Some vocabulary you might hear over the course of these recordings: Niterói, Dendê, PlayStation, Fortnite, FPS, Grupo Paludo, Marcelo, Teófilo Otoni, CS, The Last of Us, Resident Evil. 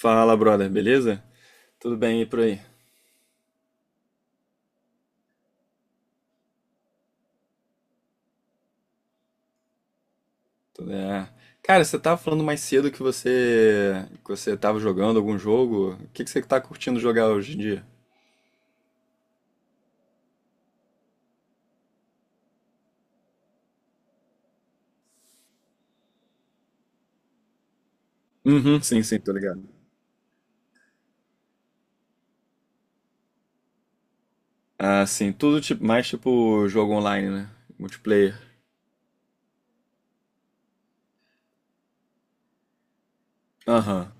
Fala, brother, beleza? Tudo bem e por aí? É, Cara, você tava falando mais cedo que você tava jogando algum jogo. O que que você tá curtindo jogar hoje em dia? Uhum, sim, sim, tô ligado. Ah, sim, tudo tipo, mais tipo jogo online, né? Multiplayer. Aham.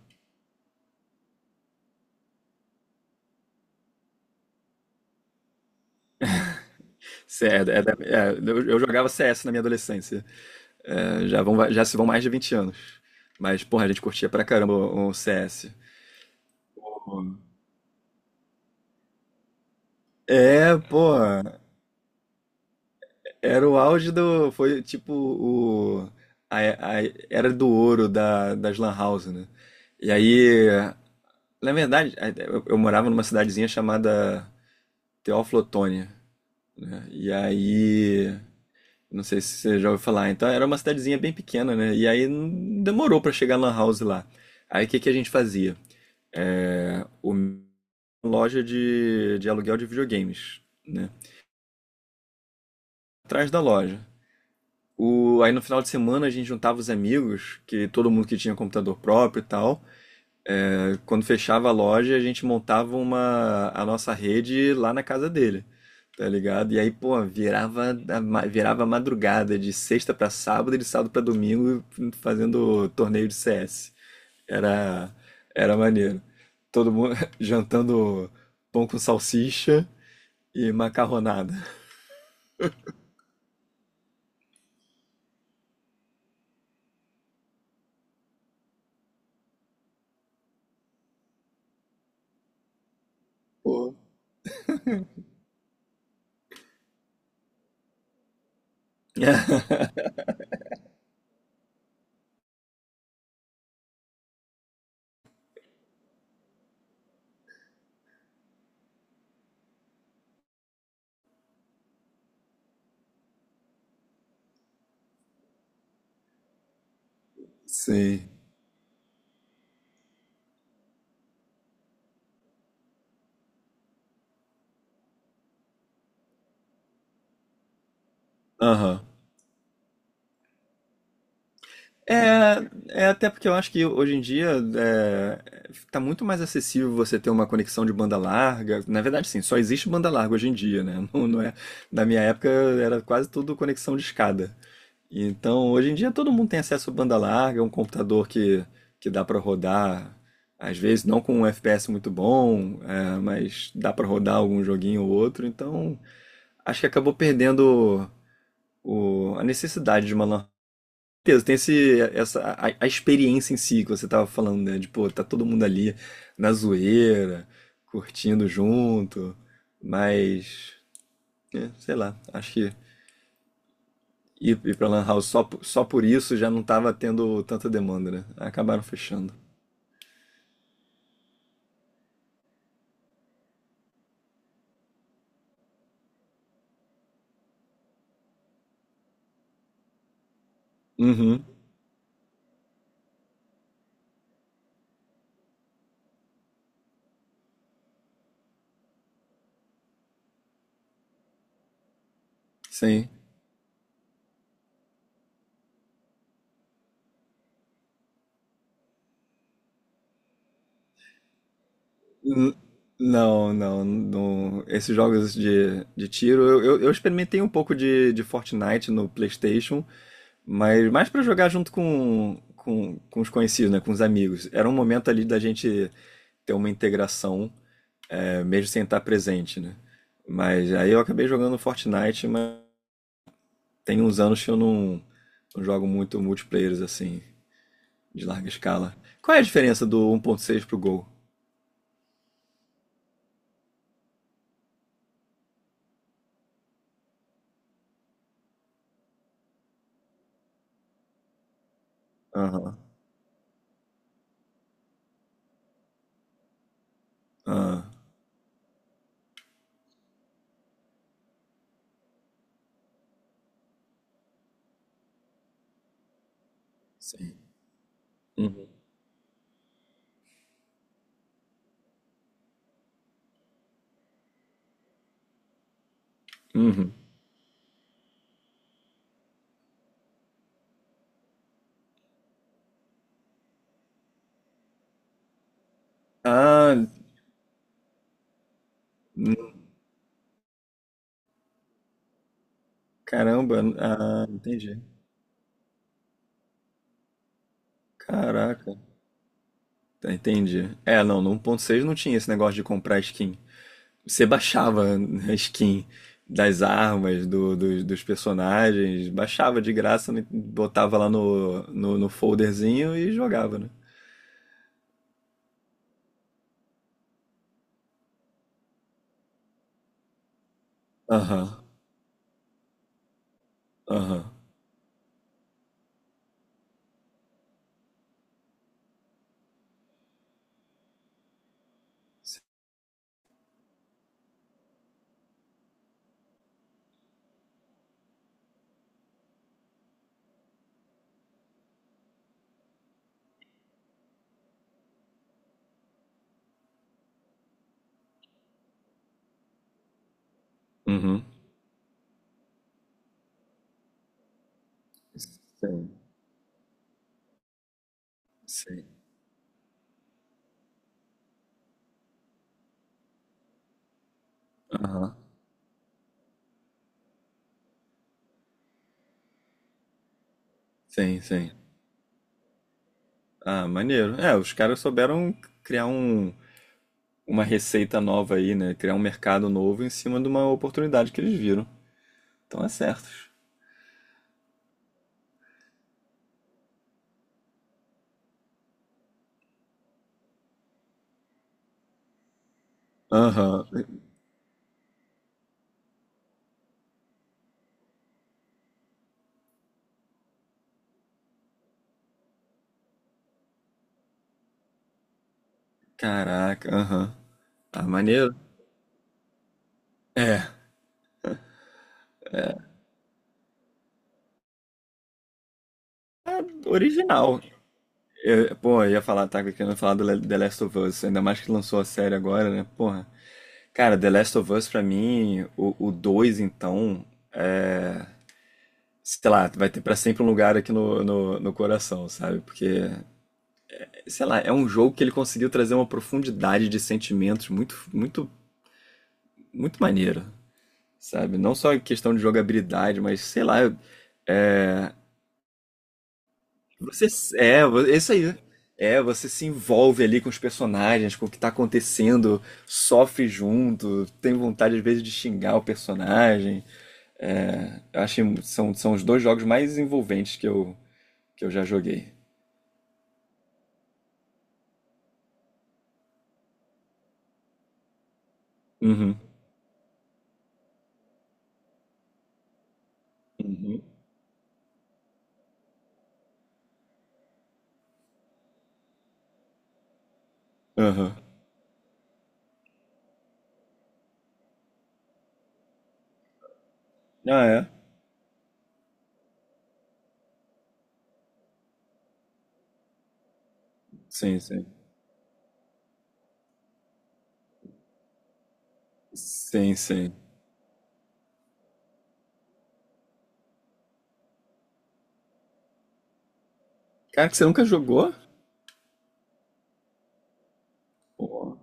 Eu jogava CS na minha adolescência. É, já vão, já se vão mais de 20 anos. Mas, porra, a gente curtia pra caramba o CS. É, pô. Era o auge do. Foi tipo o. A era do ouro das Lan House, né? E aí. Na verdade, eu morava numa cidadezinha chamada Teófilo Otoni, né? E aí. Não sei se você já ouviu falar. Então era uma cidadezinha bem pequena, né? E aí não demorou pra chegar a Lan House lá. Aí o que que a gente fazia? Uma loja de aluguel de videogames, né? Atrás da loja. Aí no final de semana a gente juntava os amigos, que todo mundo que tinha computador próprio e tal. É, quando fechava a loja, a gente a nossa rede lá na casa dele, tá ligado? E aí, pô, virava a madrugada de sexta pra sábado e de sábado pra domingo fazendo torneio de CS. Era, era maneiro. Todo mundo jantando pão com salsicha e macarronada. Pô. Sim. Aham. É, é até porque eu acho que hoje em dia é, tá muito mais acessível você ter uma conexão de banda larga. Na verdade, sim, só existe banda larga hoje em dia, né? Não é, na minha época era quase tudo conexão de escada. Então, hoje em dia todo mundo tem acesso a banda larga, um que dá pra rodar, às vezes não com um FPS muito bom, é, mas dá pra rodar algum joguinho ou outro. Então, acho que acabou perdendo a necessidade de uma lan certeza, tem a experiência em si que você tava falando, né? De, pô, tá todo mundo ali na zoeira, curtindo junto, mas, é, sei lá, acho que ir pra Lan House só por isso já não tava tendo tanta demanda, né? Acabaram fechando. Uhum, sim. N- não. Esses jogos de tiro, eu experimentei um pouco de Fortnite no PlayStation. Mas mais pra jogar junto com os conhecidos, né? Com os amigos. Era um momento ali da gente ter uma integração, é, mesmo sem estar presente, né? Mas aí eu acabei jogando Fortnite, mas tem uns anos que eu não, não jogo muito multiplayers assim, de larga escala. Qual é a diferença do 1.6 pro Gol? Aham. Ah, sim. Uhum. Uhum. Ah, caramba. Ah, entendi. Caraca. Entendi. É, não, no 1.6 não tinha esse negócio de comprar skin. Você baixava a skin das armas, dos personagens, baixava de graça, né? Botava lá no folderzinho e jogava, né? Aham, aham. Uhum. Sim, sim. Aham. Sim, sim. Ah, maneiro. É, os caras souberam criar uma receita nova aí, né? Criar um mercado novo em cima de uma oportunidade que eles viram. Então é certo. Aham. Caraca, aham. Ah, maneiro. É. Original. Eu, pô, eu ia falar, tá querendo falar do The Last of Us, ainda mais que lançou a série agora, né? Porra. Cara, The Last of Us, pra mim, o 2 então, sei lá, vai ter pra sempre um lugar aqui no coração, sabe? Porque, sei lá, é um jogo que ele conseguiu trazer uma profundidade de sentimentos muito maneira, sabe? Não só em questão de jogabilidade, mas sei lá, é, Você, é, é isso aí, né? É, você se envolve ali com os personagens, com o que tá acontecendo, sofre junto, tem vontade às vezes de xingar o personagem. É, eu acho que são os dois jogos mais envolventes que eu já joguei. Uhum. Uhum. Aham. Ah, é? Sim, sim. Sim, sim. Cara, que você nunca jogou? Pô,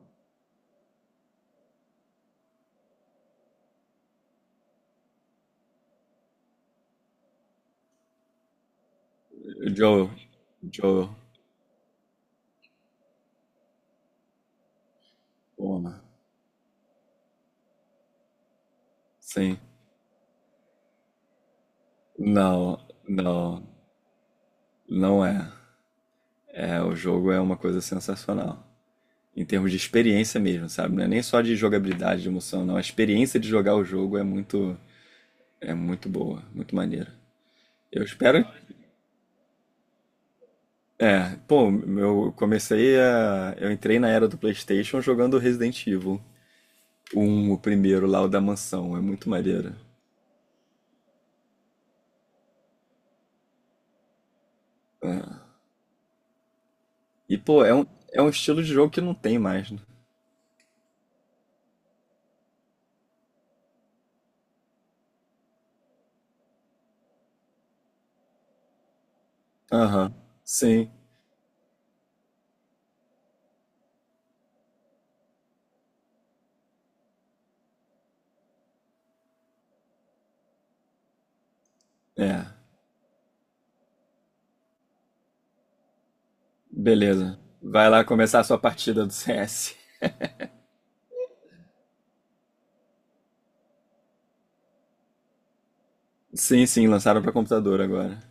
Joe. Joe. Pô, né? Sim. Não, não. Não é. É, o jogo é uma coisa sensacional. Em termos de experiência mesmo, sabe? Não é nem só de jogabilidade, de emoção, não. A experiência de jogar o jogo é é muito boa, muito maneira. Eu espero. É, pô, eu comecei a. Eu entrei na era do PlayStation jogando Resident Evil. Um, o primeiro lá, o da mansão. É muito maneiro. É. E, pô, é um estilo de jogo que não tem mais, né? Aham. Sim. É. Beleza. Vai lá começar a sua partida do CS. Sim, sim, lançaram pra computador agora.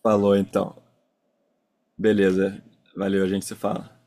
Falou então. Beleza. Valeu, a gente se fala.